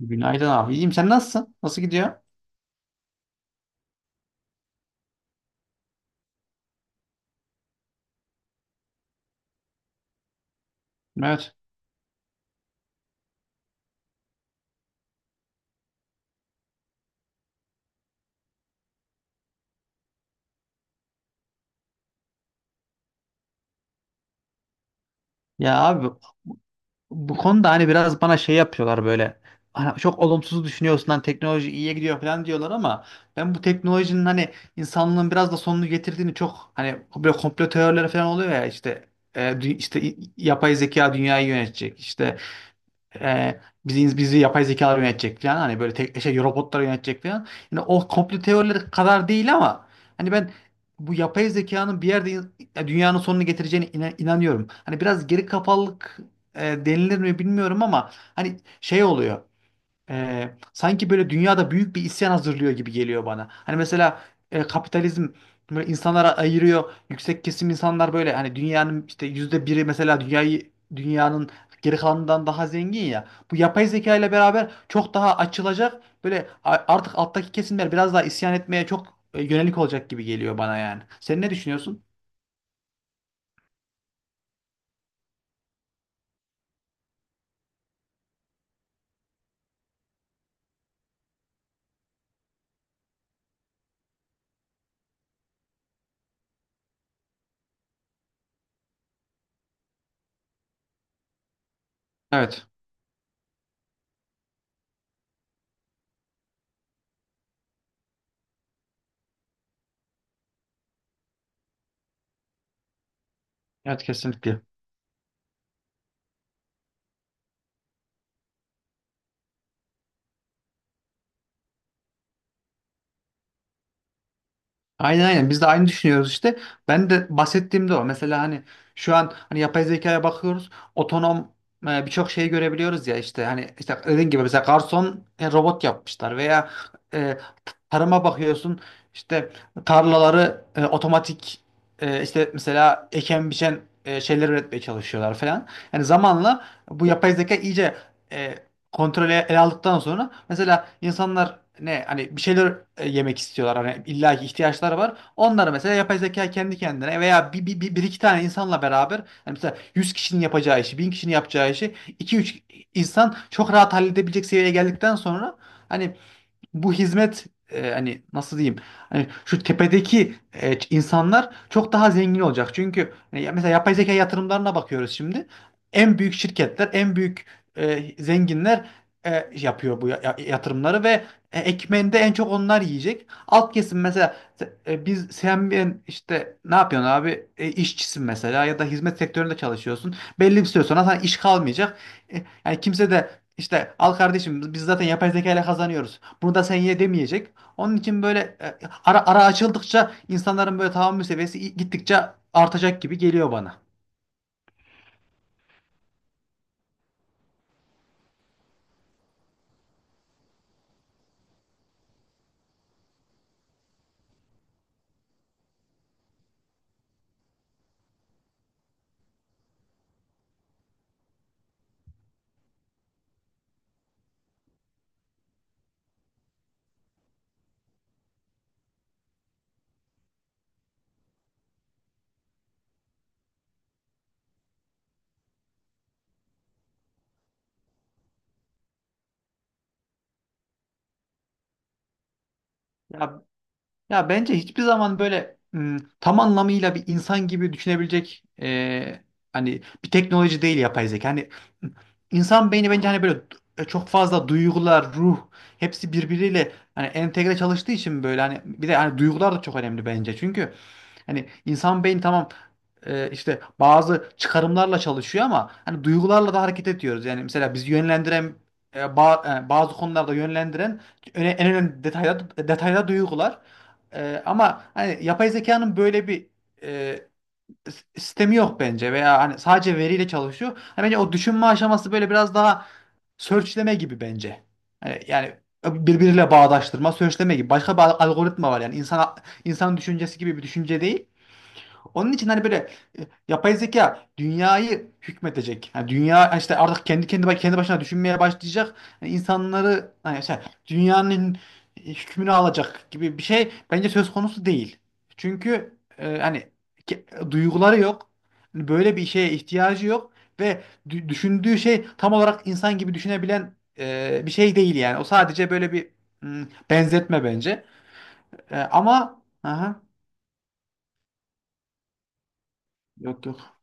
Günaydın abi. İyiyim. Sen nasılsın? Nasıl gidiyor? Evet. Ya abi, bu konuda hani biraz bana şey yapıyorlar böyle. Hani, çok olumsuz düşünüyorsun lan, teknoloji iyiye gidiyor falan diyorlar ama ben bu teknolojinin hani insanlığın biraz da sonunu getirdiğini, çok hani böyle komplo teorileri falan oluyor ya işte, işte yapay zeka dünyayı yönetecek. İşte. e, bizi yapay zekalar yönetecek falan, hani böyle şey, robotlar yönetecek falan. Yani o komplo teorileri kadar değil ama hani ben bu yapay zekanın bir yerde dünyanın sonunu getireceğine inanıyorum. Hani biraz geri kafalılık denilir mi bilmiyorum ama hani şey oluyor, sanki böyle dünyada büyük bir isyan hazırlıyor gibi geliyor bana. Hani mesela kapitalizm böyle insanlara ayırıyor. Yüksek kesim insanlar böyle, hani dünyanın işte %1'i mesela, dünyayı dünyanın geri kalanından daha zengin ya. Bu yapay zeka ile beraber çok daha açılacak. Böyle artık alttaki kesimler biraz daha isyan etmeye çok yönelik olacak gibi geliyor bana yani. Sen ne düşünüyorsun? Evet. Evet, kesinlikle. Aynen, aynen, biz de aynı düşünüyoruz işte. Ben de bahsettiğimde o. Mesela hani şu an hani yapay zekaya bakıyoruz. Otonom birçok şeyi görebiliyoruz ya işte, hani işte dediğin gibi mesela garson robot yapmışlar veya e, tarıma bakıyorsun işte, tarlaları otomatik, işte mesela eken biçen şeyler üretmeye çalışıyorlar falan. Yani zamanla bu yapay zeka iyice e, kontrol ele aldıktan sonra, mesela insanlar, ne hani bir şeyler yemek istiyorlar, hani illaki ihtiyaçları var. Onları mesela yapay zeka kendi kendine veya bir iki tane insanla beraber, hani mesela 100 kişinin yapacağı işi, 1000 kişinin yapacağı işi iki üç insan çok rahat halledebilecek seviyeye geldikten sonra, hani bu hizmet, hani nasıl diyeyim, hani şu tepedeki insanlar çok daha zengin olacak. Çünkü ya mesela yapay zeka yatırımlarına bakıyoruz şimdi. En büyük şirketler, en büyük zenginler yapıyor bu yatırımları ve ekmeğinde en çok onlar yiyecek. Alt kesim mesela, biz, sen, ben, işte ne yapıyorsun abi? İşçisin mesela, ya da hizmet sektöründe çalışıyorsun. Belli bir süre sonra sana iş kalmayacak. Yani kimse de, işte al kardeşim biz zaten yapay zeka ile kazanıyoruz, bunu da sen ye demeyecek. Onun için böyle ara ara açıldıkça insanların böyle tahammül seviyesi gittikçe artacak gibi geliyor bana. Ya ya bence hiçbir zaman böyle tam anlamıyla bir insan gibi düşünebilecek hani bir teknoloji değil yapay zeka. Hani m, insan beyni bence hani böyle çok fazla duygular, ruh, hepsi birbiriyle hani entegre çalıştığı için, böyle hani bir de hani duygular da çok önemli bence. Çünkü hani insan beyni tamam, işte bazı çıkarımlarla çalışıyor ama hani duygularla da hareket ediyoruz. Yani mesela bizi yönlendiren bazı konularda yönlendiren en önemli detayda duygular. Ama hani yapay zekanın böyle bir e, sistemi yok bence, veya hani sadece veriyle çalışıyor. Hani bence o düşünme aşaması böyle biraz daha searchleme gibi bence. Hani yani birbiriyle bağdaştırma, searchleme gibi. Başka bir algoritma var yani, insan düşüncesi gibi bir düşünce değil. Onun için hani böyle e, yapay zeka dünyayı hükmedecek, yani dünya işte artık kendi başına düşünmeye başlayacak, yani insanları hani işte dünyanın hükmünü alacak gibi bir şey bence söz konusu değil. Çünkü hani duyguları yok. Hani böyle bir şeye ihtiyacı yok, ve düşündüğü şey tam olarak insan gibi düşünebilen bir şey değil yani. O sadece böyle bir benzetme bence. Ama aha, yok yok.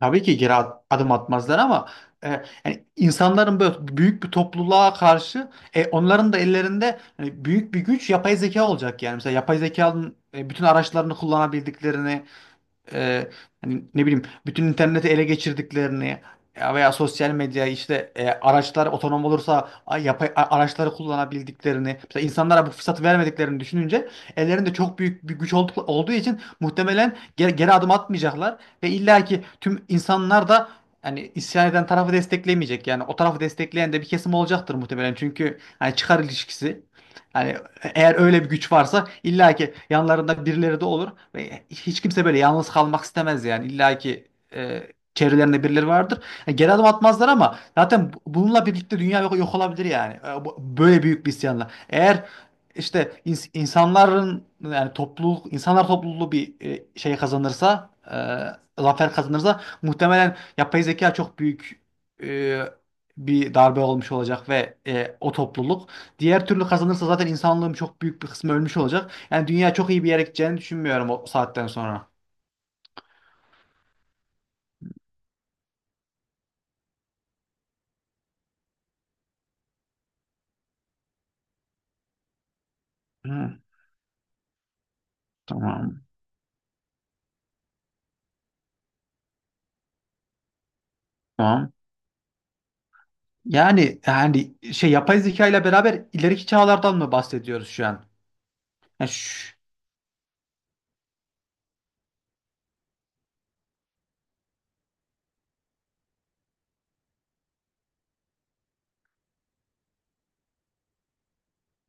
Tabii ki geri adım atmazlar ama e, yani insanların böyle büyük bir topluluğa karşı, onların da ellerinde hani büyük bir güç, yapay zeka olacak yani. Mesela yapay zekanın bütün araçlarını kullanabildiklerini, e, hani ne bileyim bütün interneti ele geçirdiklerini, ya veya sosyal medya işte, araçlar otonom olursa yapay araçları kullanabildiklerini, mesela insanlara bu fırsatı vermediklerini düşününce, ellerinde çok büyük bir güç olduğu için muhtemelen geri adım atmayacaklar, ve illaki tüm insanlar da hani isyan eden tarafı desteklemeyecek. Yani o tarafı destekleyen de bir kesim olacaktır muhtemelen, çünkü hani çıkar ilişkisi, hani eğer öyle bir güç varsa illa ki yanlarında birileri de olur ve hiç kimse böyle yalnız kalmak istemez yani, illa ki e, çevrelerinde birileri vardır. Yani geri adım atmazlar ama zaten bununla birlikte dünya yok olabilir yani. Böyle büyük bir isyanla, eğer işte insanların, yani topluluk, insanlar topluluğu bir şey kazanırsa, zafer kazanırsa, muhtemelen yapay zeka çok büyük e, bir darbe olmuş olacak ve o topluluk. Diğer türlü kazanırsa zaten insanlığın çok büyük bir kısmı ölmüş olacak. Yani dünya çok iyi bir yere gideceğini düşünmüyorum o saatten sonra. Hı, tamam. Tamam. Yani şey, yapay zeka ile beraber ileriki çağlardan mı bahsediyoruz şu an? Yani şu-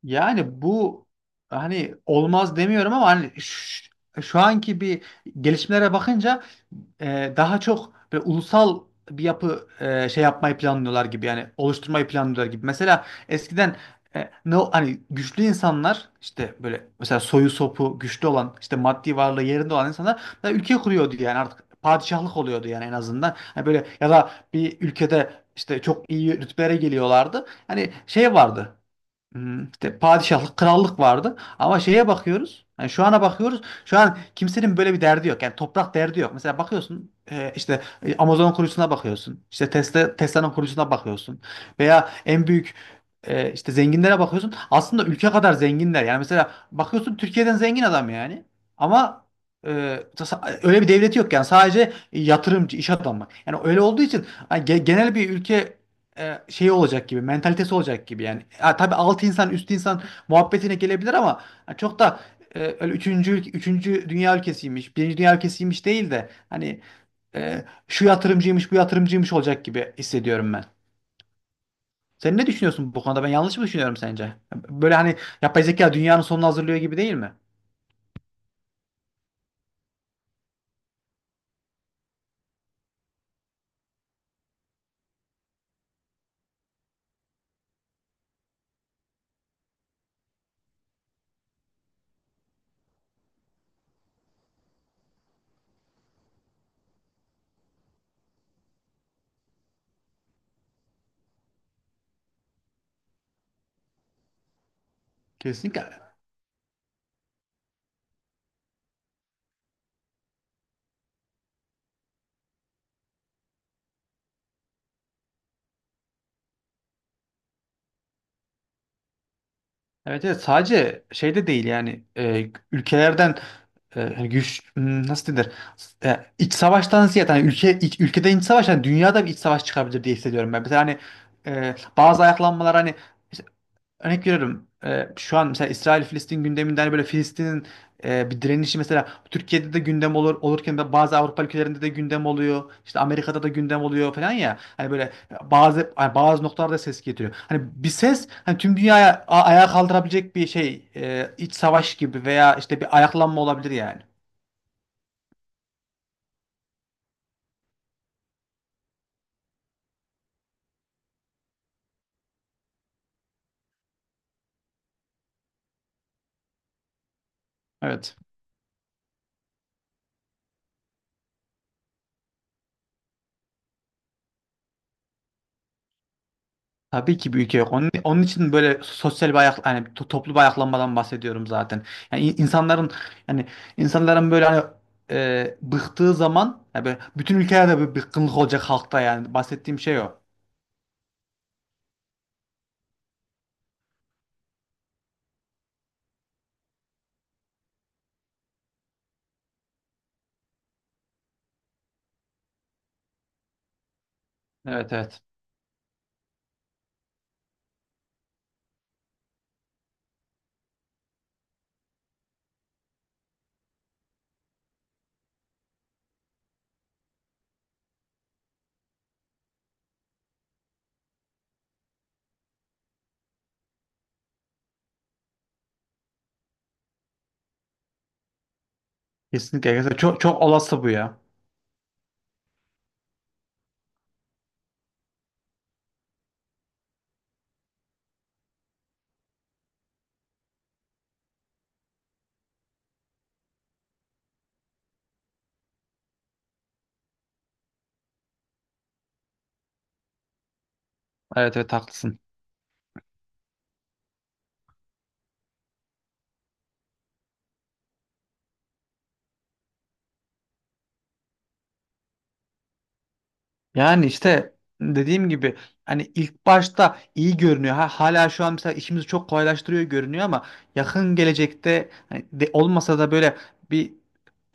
Yani bu hani olmaz demiyorum ama hani şu anki bir gelişmelere bakınca daha çok böyle ulusal bir yapı şey yapmayı planlıyorlar gibi, yani oluşturmayı planlıyorlar gibi. Mesela eskiden hani güçlü insanlar işte böyle, mesela soyu sopu güçlü olan, işte maddi varlığı yerinde olan insanlar da ülke kuruyordu yani, artık padişahlık oluyordu yani, en azından. Hani böyle, ya da bir ülkede işte çok iyi rütbelere geliyorlardı. Hani şey vardı. Hmm, işte padişahlık, krallık vardı. Ama şeye bakıyoruz, yani şu ana bakıyoruz. Şu an kimsenin böyle bir derdi yok, yani toprak derdi yok. Mesela bakıyorsun işte, Amazon kurucusuna bakıyorsun. İşte Tesla, Tesla'nın kurucusuna bakıyorsun. Veya en büyük işte zenginlere bakıyorsun. Aslında ülke kadar zenginler. Yani mesela bakıyorsun, Türkiye'den zengin adam yani. Ama e, öyle bir devleti yok yani. Sadece yatırımcı, iş adamı. Yani öyle olduğu için hani genel bir ülke şey olacak gibi, mentalitesi olacak gibi yani. Ha, tabii alt insan, üst insan muhabbetine gelebilir ama ha, çok da öyle, üçüncü dünya ülkesiymiş, birinci dünya ülkesiymiş değil de, hani şu yatırımcıymış, bu yatırımcıymış olacak gibi hissediyorum ben. Sen ne düşünüyorsun bu konuda? Ben yanlış mı düşünüyorum sence? Böyle hani yapay zeka dünyanın sonunu hazırlıyor gibi değil mi? Kesinlikle. Evet, evet, sadece şeyde değil yani, ülkelerden. Hani güç, nasıl denir, iç savaştan ziyade, hani ülkede iç savaş, hani dünyada bir iç savaş çıkabilir diye hissediyorum ben. Mesela hani bazı ayaklanmalar hani. Örnek veriyorum. Şu an mesela İsrail-Filistin gündeminden, hani böyle Filistin'in bir direnişi mesela Türkiye'de de gündem olurken de, bazı Avrupa ülkelerinde de gündem oluyor. İşte Amerika'da da gündem oluyor falan ya. Hani böyle bazı, hani bazı noktalarda ses getiriyor. Hani bir ses, hani tüm dünyaya ayağa kaldırabilecek bir şey, iç savaş gibi veya işte bir ayaklanma olabilir yani. Evet. Tabii ki büyük yok. Onun için böyle sosyal bir hani toplu bir ayaklanmadan bahsediyorum zaten. Yani insanların, yani insanların böyle hani bıktığı zaman, yani böyle bütün ülkelerde bir bıkkınlık olacak halkta yani. Bahsettiğim şey o. Evet, evet. Kesinlikle. Gerçekten çok, çok olası bu ya. Evet, evet, haklısın. Yani işte dediğim gibi, hani ilk başta iyi görünüyor. Ha, hala şu an mesela işimizi çok kolaylaştırıyor görünüyor ama yakın gelecekte, hani de olmasa da böyle bir,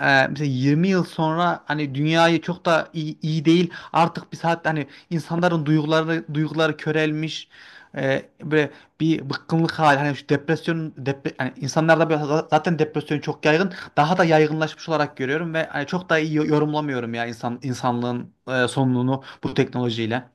mesela 20 yıl sonra hani dünyayı çok da iyi, iyi değil. Artık bir saat, hani insanların duyguları körelmiş. Böyle bir bıkkınlık hali, hani şu depresyon, hani insanlarda böyle zaten depresyon çok yaygın, daha da yaygınlaşmış olarak görüyorum. Ve hani çok da iyi yorumlamıyorum ya insanlığın sonunu bu teknolojiyle.